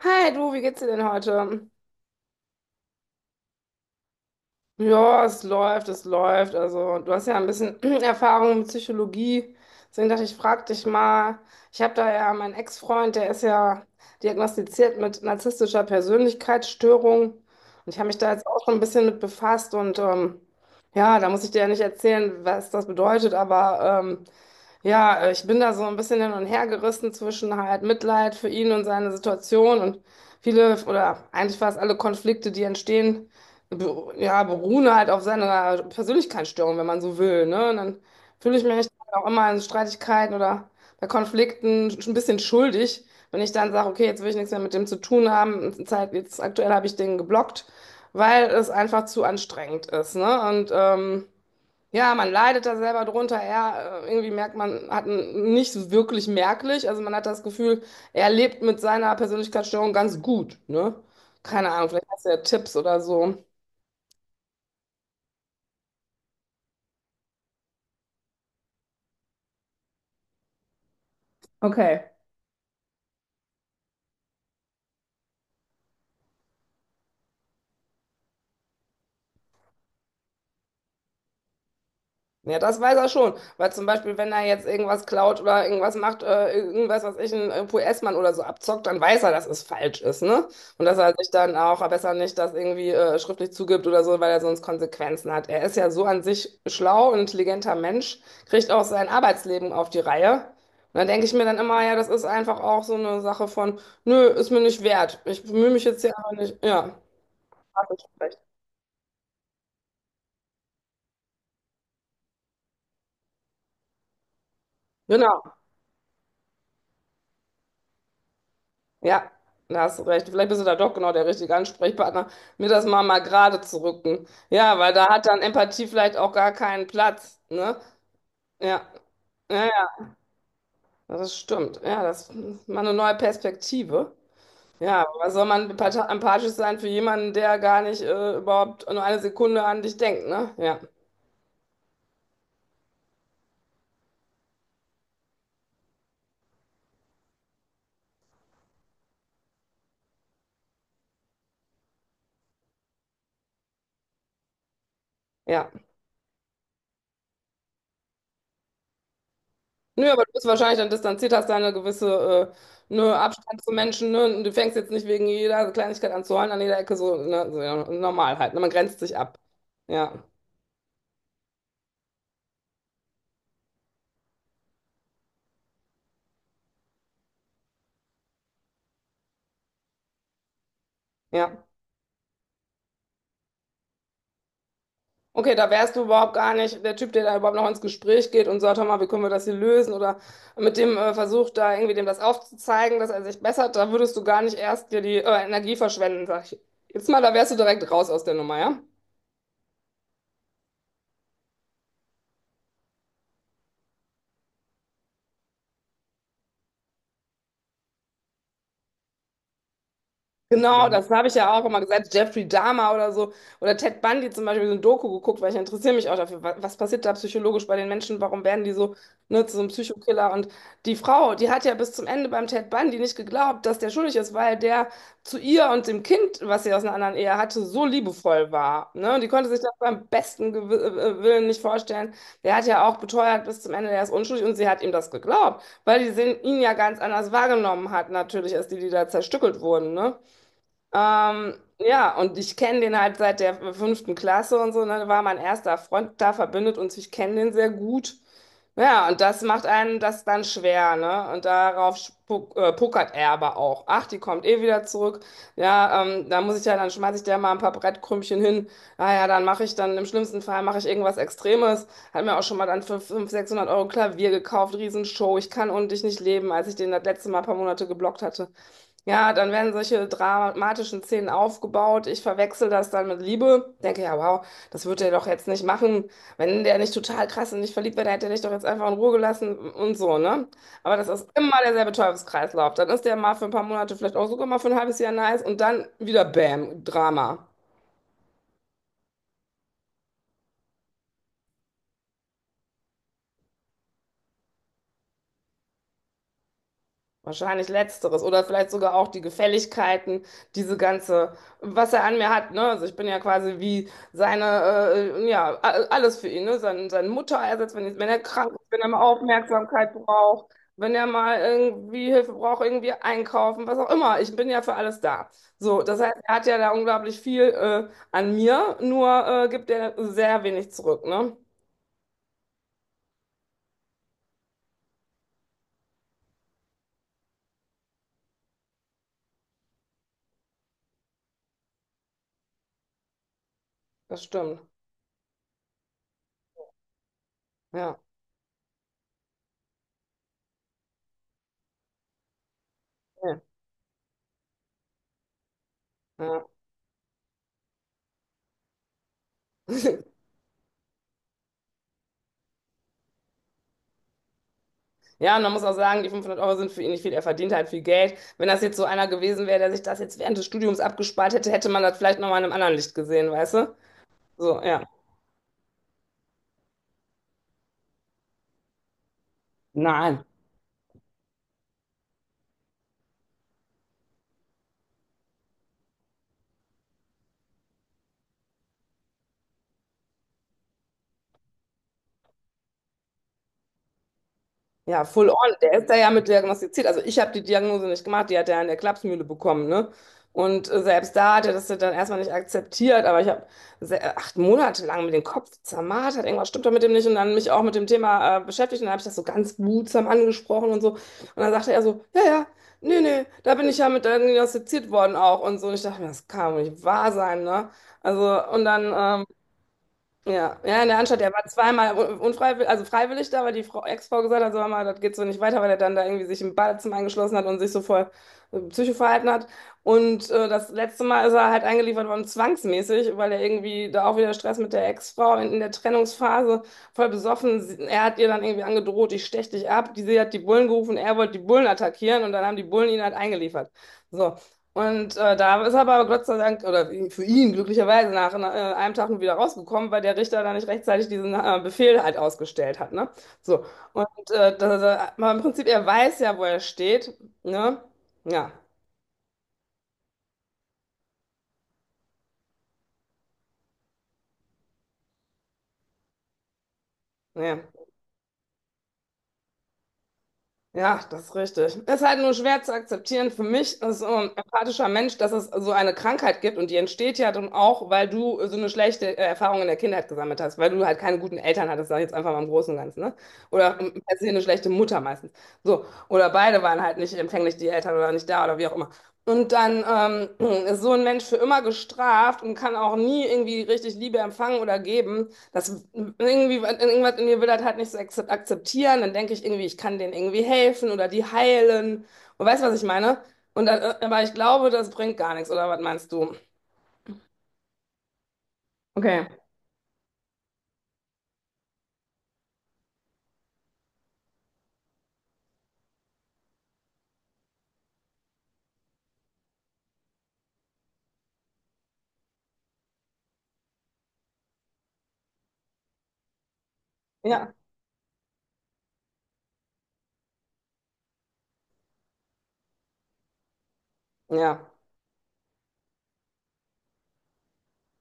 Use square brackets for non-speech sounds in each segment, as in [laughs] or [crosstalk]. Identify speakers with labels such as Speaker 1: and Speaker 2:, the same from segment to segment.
Speaker 1: Hi du, wie geht's dir denn heute? Ja, es läuft, es läuft. Also, du hast ja ein bisschen [clears throat] Erfahrung mit Psychologie. Deswegen dachte ich, frag dich mal. Ich habe da ja meinen Ex-Freund, der ist ja diagnostiziert mit narzisstischer Persönlichkeitsstörung. Und ich habe mich da jetzt auch schon ein bisschen mit befasst. Und ja, da muss ich dir ja nicht erzählen, was das bedeutet. Aber ja, ich bin da so ein bisschen hin und her gerissen zwischen halt Mitleid für ihn und seine Situation und viele oder eigentlich fast alle Konflikte, die entstehen, ja, beruhen halt auf seiner Persönlichkeitsstörung, wenn man so will, ne? Und dann fühle ich mich auch immer in Streitigkeiten oder bei Konflikten schon ein bisschen schuldig, wenn ich dann sage, okay, jetzt will ich nichts mehr mit dem zu tun haben. Zeit, jetzt aktuell habe ich den geblockt, weil es einfach zu anstrengend ist, ne? Und ja, man leidet da selber drunter. Er, irgendwie merkt man, hat nicht so wirklich merklich. Also man hat das Gefühl, er lebt mit seiner Persönlichkeitsstörung ganz gut, ne? Keine Ahnung, vielleicht hast du ja Tipps oder so. Okay. Ja, das weiß er schon. Weil zum Beispiel, wenn er jetzt irgendwas klaut oder irgendwas macht, irgendwas, was ich, ein US-Mann oder so abzockt, dann weiß er, dass es falsch ist, ne? Und dass er sich dann auch besser nicht das irgendwie schriftlich zugibt oder so, weil er sonst Konsequenzen hat. Er ist ja so an sich schlau und intelligenter Mensch, kriegt auch sein Arbeitsleben auf die Reihe. Und dann denke ich mir dann immer, ja, das ist einfach auch so eine Sache von, nö, ist mir nicht wert. Ich bemühe mich jetzt hier aber nicht. Ja, hast du recht. Genau. Ja, da hast du recht. Vielleicht bist du da doch genau der richtige Ansprechpartner, mir das mal gerade zu rücken. Ja, weil da hat dann Empathie vielleicht auch gar keinen Platz, ne? Ja, ja, ja, das stimmt. Ja, das ist mal eine neue Perspektive. Ja, aber was soll man empathisch sein für jemanden, der gar nicht überhaupt nur eine Sekunde an dich denkt, ne? Ja, ja. Nö, aber du bist wahrscheinlich dann distanziert, hast da eine gewisse ne Abstand zu Menschen. Ne? Und du fängst jetzt nicht wegen jeder Kleinigkeit an zu heulen an jeder Ecke, so, ne? So, ja, normal halt. Ne? Man grenzt sich ab. Ja, ja. Okay, da wärst du überhaupt gar nicht der Typ, der da überhaupt noch ins Gespräch geht und sagt, hör mal, wie können wir das hier lösen? Oder mit dem Versuch, da irgendwie dem das aufzuzeigen, dass er sich bessert. Da würdest du gar nicht erst dir die Energie verschwenden, sag ich. Jetzt mal, da wärst du direkt raus aus der Nummer, ja? Genau, das habe ich ja auch immer gesagt. Jeffrey Dahmer oder so. Oder Ted Bundy zum Beispiel, so ein Doku geguckt, weil ich interessiere mich auch dafür. Was passiert da psychologisch bei den Menschen? Warum werden die so, ne, zu so einem Psychokiller? Und die Frau, die hat ja bis zum Ende beim Ted Bundy nicht geglaubt, dass der schuldig ist, weil der zu ihr und dem Kind, was sie aus einer anderen Ehe hatte, so liebevoll war. Ne? Und die konnte sich das beim besten Gew Willen nicht vorstellen. Der hat ja auch beteuert bis zum Ende, der ist unschuldig und sie hat ihm das geglaubt, weil die sehen, ihn ja ganz anders wahrgenommen hat, natürlich, als die, die da zerstückelt wurden, ne? Ja, und ich kenne den halt seit der fünften Klasse und so, ne, da war mein erster Freund da, verbindet uns, ich kenne den sehr gut. Ja, und das macht einen das dann schwer, ne? Und darauf pokert er aber auch. Ach, die kommt eh wieder zurück. Ja, da muss ich ja, dann schmeiße ich der mal ein paar Brettkrümchen hin. Naja, dann mache ich dann, im schlimmsten Fall mache ich irgendwas Extremes. Hat mir auch schon mal dann für 500, 600 Euro Klavier gekauft, Riesenshow. Ich kann ohne dich nicht leben, als ich den das letzte Mal ein paar Monate geblockt hatte. Ja, dann werden solche dramatischen Szenen aufgebaut. Ich verwechsel das dann mit Liebe. Denke, ja, wow, das wird er doch jetzt nicht machen. Wenn der nicht total krass und nicht verliebt wäre, dann hätte er dich doch jetzt einfach in Ruhe gelassen und so, ne? Aber das ist immer derselbe Teufelskreislauf. Dann ist der mal für ein paar Monate, vielleicht auch sogar mal für ein halbes Jahr nice und dann wieder Bam, Drama. Wahrscheinlich letzteres oder vielleicht sogar auch die Gefälligkeiten, diese ganze, was er an mir hat, ne? Also ich bin ja quasi wie seine, ja, alles für ihn, ne? Sein Mutterersatz, wenn er krank ist, wenn er mal Aufmerksamkeit braucht, wenn er mal irgendwie Hilfe braucht, irgendwie einkaufen, was auch immer. Ich bin ja für alles da. So, das heißt, er hat ja da unglaublich viel, an mir, nur, gibt er sehr wenig zurück, ne? Das stimmt. Ja. Ja. Ja. [laughs] Ja, und man muss auch sagen, die 500 Euro sind für ihn nicht viel. Er verdient halt viel Geld. Wenn das jetzt so einer gewesen wäre, der sich das jetzt während des Studiums abgespart hätte, hätte man das vielleicht nochmal in einem anderen Licht gesehen, weißt du? So, ja. Nein. Ja, full on. Der ist da ja mit diagnostiziert. Also ich habe die Diagnose nicht gemacht, die hat er in der Klapsmühle bekommen, ne? Und selbst da hat er das ja dann erstmal nicht akzeptiert, aber ich habe 8 Monate lang mit dem Kopf zermartert, irgendwas stimmt doch mit dem nicht und dann mich auch mit dem Thema beschäftigt und dann habe ich das so ganz behutsam angesprochen und so. Und dann sagte er so, ja, ja, nee, nee, da bin ich ja mit diagnostiziert worden auch und so. Und ich dachte mir, das kann doch nicht wahr sein, ne? Also und dann ja, ja, in der Anstalt, der war zweimal unfreiwillig, also freiwillig da, weil die Frau, Ex-Frau gesagt hat, so, mal, das geht so nicht weiter, weil er dann da irgendwie sich im Badezimmer eingeschlossen hat und sich so voll Psycho verhalten hat. Und das letzte Mal ist er halt eingeliefert worden, zwangsmäßig, weil er irgendwie da auch wieder Stress mit der Ex-Frau in der Trennungsphase voll besoffen. Er hat ihr dann irgendwie angedroht, ich stech dich ab. Sie hat die Bullen gerufen, er wollte die Bullen attackieren und dann haben die Bullen ihn halt eingeliefert. So, und da ist er aber Gott sei Dank, oder für ihn glücklicherweise, nach einem Tag nur wieder rausgekommen, weil der Richter da nicht rechtzeitig diesen Befehl halt ausgestellt hat. Ne? So. Und aber im Prinzip, er weiß ja, wo er steht. Ne? Ja. Ja. Ja, das ist richtig. Ist halt nur schwer zu akzeptieren für mich als empathischer Mensch, dass es so eine Krankheit gibt und die entsteht ja dann auch, weil du so eine schlechte Erfahrung in der Kindheit gesammelt hast, weil du halt keine guten Eltern hattest, sag ich jetzt einfach mal im Großen und Ganzen, ne? Oder per se eine schlechte Mutter meistens. So. Oder beide waren halt nicht empfänglich, die Eltern oder nicht da oder wie auch immer. Und dann [clears throat] ist so ein Mensch für immer gestraft und kann auch nie irgendwie richtig Liebe empfangen oder geben. Das irgendwie, irgendwas in mir will das halt nicht so akzeptieren. Dann denke ich irgendwie, ich kann denen irgendwie helfen oder die heilen. Und weißt du, was ich meine? Und dann, aber ich glaube, das bringt gar nichts, oder was meinst du? Okay. Ja, ja,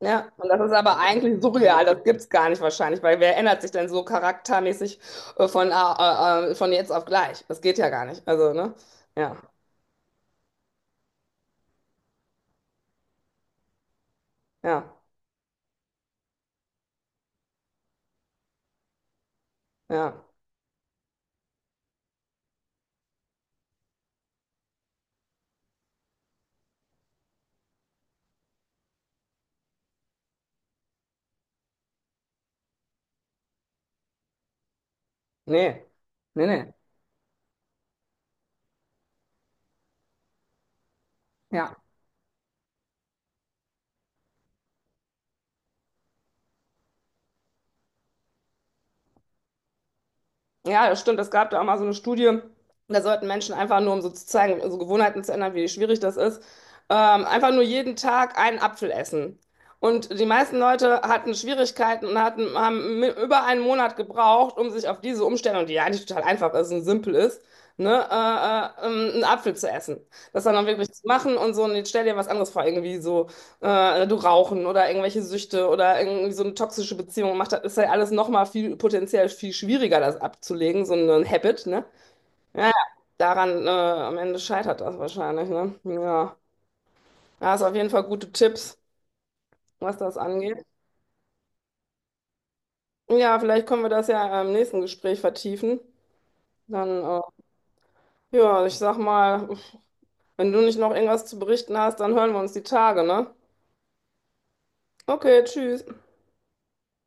Speaker 1: ja. Und das ist aber eigentlich surreal. Das gibt's gar nicht wahrscheinlich, weil wer ändert sich denn so charaktermäßig von jetzt auf gleich? Das geht ja gar nicht. Also, ne? Ja, ja, ja. Nee, nee, nee. Ja. Ja, das stimmt. Es gab da auch mal so eine Studie, da sollten Menschen einfach nur, um so zu zeigen, so Gewohnheiten zu ändern, wie schwierig das ist, einfach nur jeden Tag einen Apfel essen. Und die meisten Leute hatten Schwierigkeiten und hatten, haben über einen Monat gebraucht, um sich auf diese Umstellung, die ja eigentlich total einfach ist und simpel ist, ne, einen Apfel zu essen. Das dann auch wirklich zu machen und so, und jetzt stell dir was anderes vor, irgendwie so du Rauchen oder irgendwelche Süchte oder irgendwie so eine toxische Beziehung macht, das ist ja alles nochmal viel potenziell viel schwieriger, das abzulegen, so ein Habit, ne? Ja, ja. Daran am Ende scheitert das wahrscheinlich, ne? Ja, da hast auf jeden Fall gute Tipps, was das angeht. Ja, vielleicht können wir das ja im nächsten Gespräch vertiefen. Dann, ja, ich sag mal, wenn du nicht noch irgendwas zu berichten hast, dann hören wir uns die Tage, ne? Okay, tschüss.